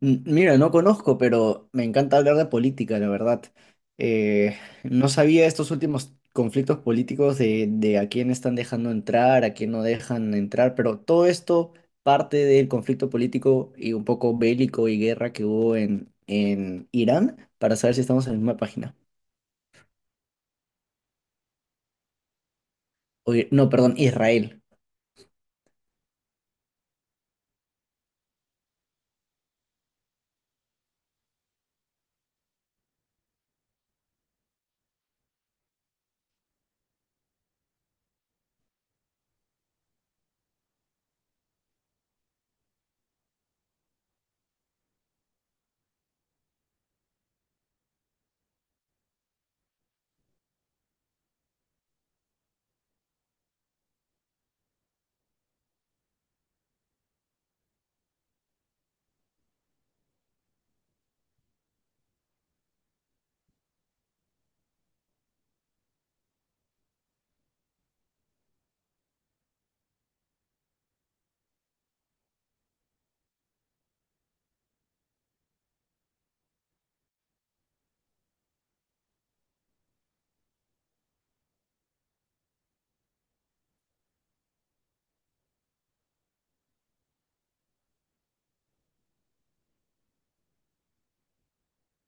Mira, no conozco, pero me encanta hablar de política, la verdad. Eh, no sabía estos últimos conflictos políticos de a quién están dejando entrar, a quién no dejan entrar, pero todo esto parte del conflicto político y un poco bélico y guerra que hubo en Irán, para saber si estamos en la misma página. Oye, no, perdón, Israel.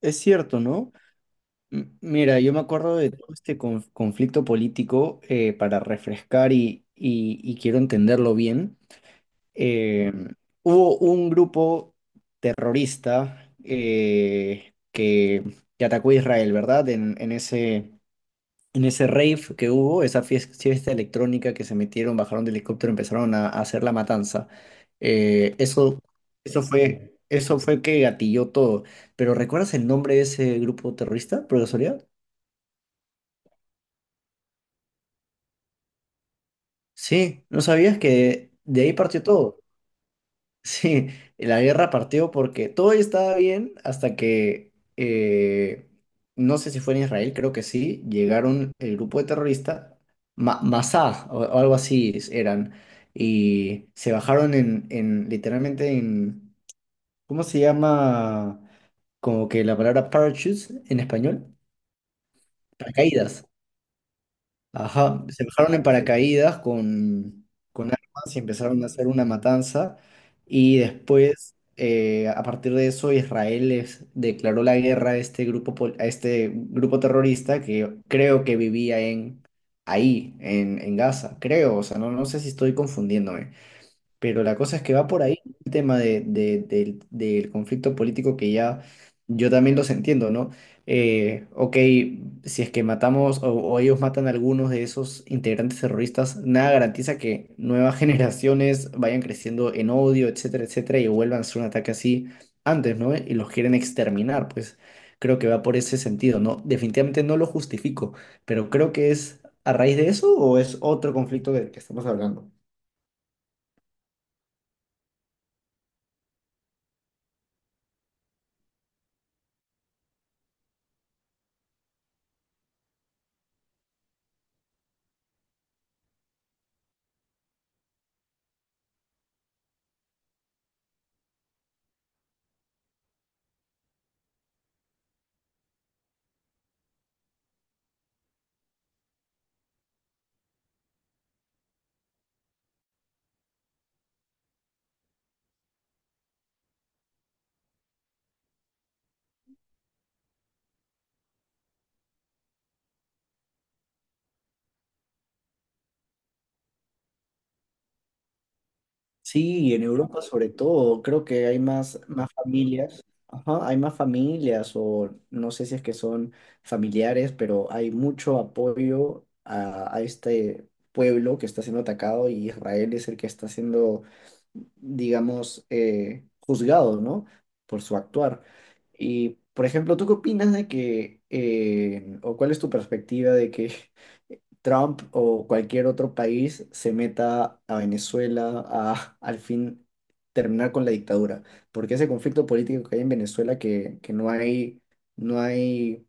Es cierto, ¿no? Mira, yo me acuerdo de todo este conflicto político para refrescar y, y quiero entenderlo bien. eh, Hubo un grupo terrorista que atacó a Israel, ¿verdad? En ese rave que hubo, esa fiesta, electrónica que se metieron, bajaron del helicóptero, empezaron a hacer la matanza. Eh, eso, Eso fue, eso fue que gatilló todo. Pero ¿recuerdas el nombre de ese grupo terrorista, por casualidad? Sí, ¿no sabías que de ahí partió todo? Sí, la guerra partió porque todo estaba bien hasta que, no sé si fue en Israel, creo que sí, llegaron el grupo de terroristas, Ma Masá o algo así eran, y se bajaron en, literalmente en, ¿cómo se llama? Como que la palabra parachutes en español, paracaídas. Ajá, se bajaron en paracaídas con armas y empezaron a hacer una matanza. Y después, a partir de eso, Israel les declaró la guerra a este grupo, a este grupo terrorista que creo que vivía en, ahí, en Gaza. Creo, o sea, no, no sé si estoy confundiéndome. Pero la cosa es que va por ahí el tema del, del conflicto político que ya yo también los entiendo, ¿no? Ok, si es que matamos o ellos matan a algunos de esos integrantes terroristas, nada garantiza que nuevas generaciones vayan creciendo en odio, etcétera, etcétera, y vuelvan a hacer un ataque así antes, ¿no? Y los quieren exterminar, pues creo que va por ese sentido, ¿no? Definitivamente no lo justifico, pero creo que es a raíz de eso o es otro conflicto del que estamos hablando. Sí, y en Europa sobre todo, creo que hay más, más familias, ajá, hay más familias o no sé si es que son familiares, pero hay mucho apoyo a este pueblo que está siendo atacado y Israel es el que está siendo, digamos, juzgado, ¿no? Por su actuar. Y, por ejemplo, ¿tú qué opinas de que, o cuál es tu perspectiva de que Trump o cualquier otro país se meta a Venezuela a al fin terminar con la dictadura, porque ese conflicto político que hay en Venezuela que no hay, no hay,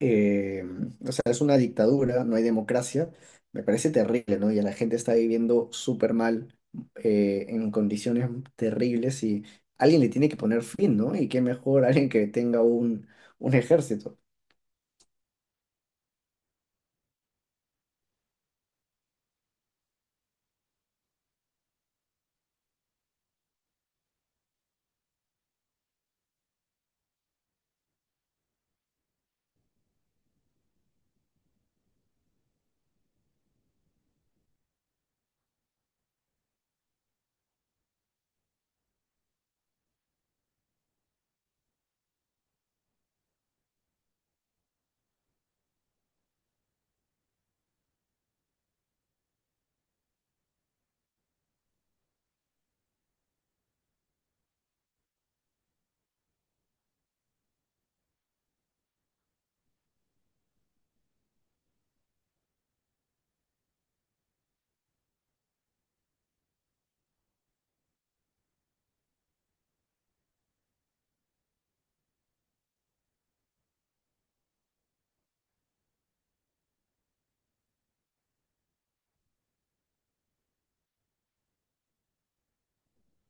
eh, o sea, es una dictadura, no hay democracia, me parece terrible, ¿no? Y la gente está viviendo súper mal, en condiciones terribles y alguien le tiene que poner fin, ¿no? Y qué mejor alguien que tenga un ejército.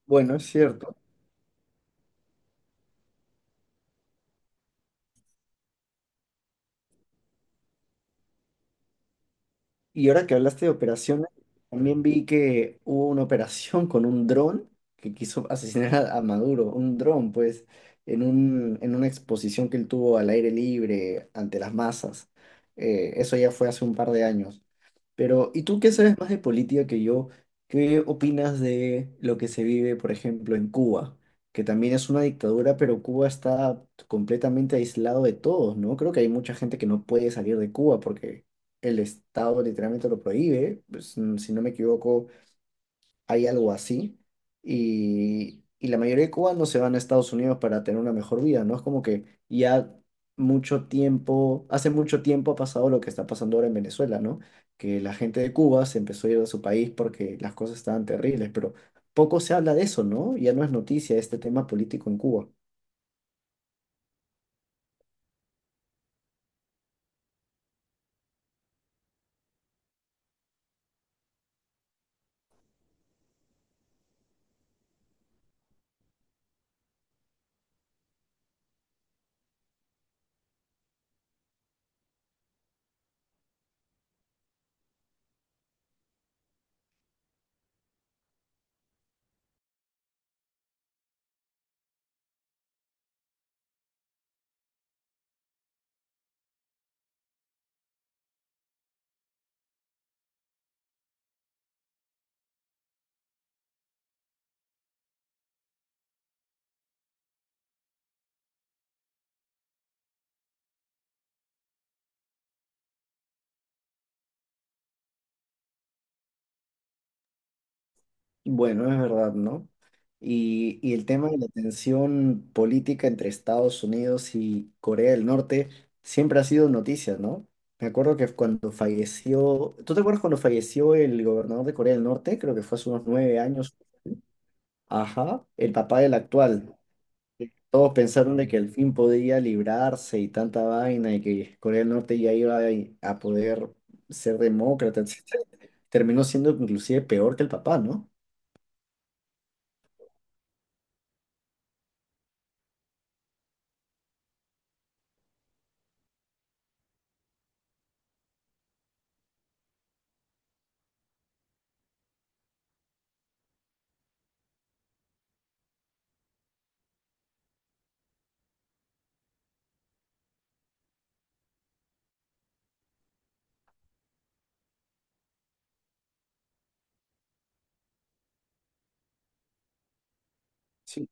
Bueno, es cierto. Y ahora que hablaste de operaciones, también vi que hubo una operación con un dron que quiso asesinar a Maduro, un dron, pues, en un, en una exposición que él tuvo al aire libre ante las masas. Eso ya fue hace un par de años. Pero, ¿y tú qué sabes más de política que yo? ¿Qué opinas de lo que se vive, por ejemplo, en Cuba? Que también es una dictadura, pero Cuba está completamente aislado de todos, ¿no? Creo que hay mucha gente que no puede salir de Cuba porque el Estado literalmente lo prohíbe. Pues, si no me equivoco, hay algo así. Y la mayoría de cubanos se van a Estados Unidos para tener una mejor vida, ¿no? Es como que ya mucho tiempo, hace mucho tiempo ha pasado lo que está pasando ahora en Venezuela, ¿no? Que la gente de Cuba se empezó a ir de su país porque las cosas estaban terribles, pero poco se habla de eso, ¿no? Ya no es noticia este tema político en Cuba. Bueno, es verdad, ¿no? Y el tema de la tensión política entre Estados Unidos y Corea del Norte siempre ha sido noticia, ¿no? Me acuerdo que cuando falleció, ¿tú te acuerdas cuando falleció el gobernador de Corea del Norte? Creo que fue hace unos 9 años. Ajá, el papá del actual. Todos pensaron de que al fin podía librarse y tanta vaina y que Corea del Norte ya iba a poder ser demócrata, etc. Terminó siendo inclusive peor que el papá, ¿no? Sí,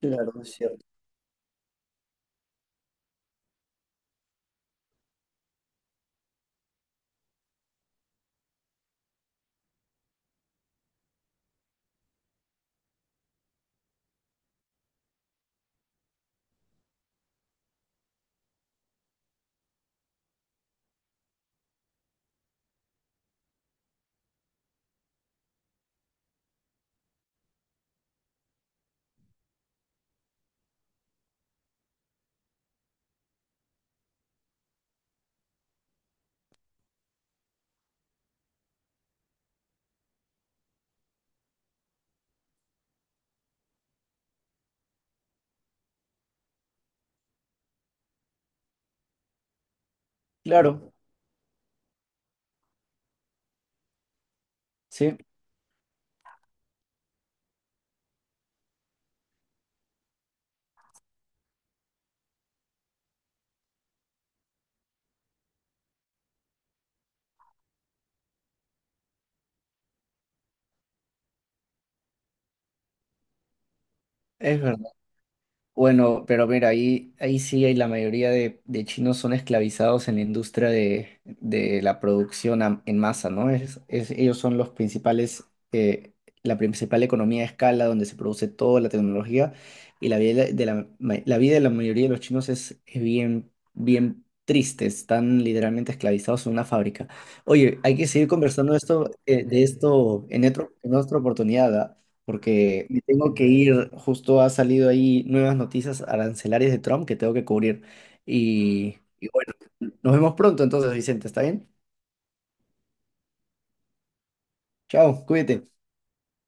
claro, es cierto. Claro, sí, es verdad. Bueno, pero mira, ahí, ahí sí hay la mayoría de chinos son esclavizados en la industria de la producción en masa, ¿no? Es, ellos son los principales, eh, la principal economía de escala donde se produce toda la tecnología y la vida de la, la vida de la mayoría de los chinos es bien, bien triste, están literalmente esclavizados en una fábrica. Oye, hay que seguir conversando de esto en otro, en otra oportunidad, ¿ah? Porque me tengo que ir, justo ha salido ahí nuevas noticias arancelarias de Trump que tengo que cubrir. Y bueno, nos vemos pronto entonces, Vicente, ¿está bien? Chao, cuídate.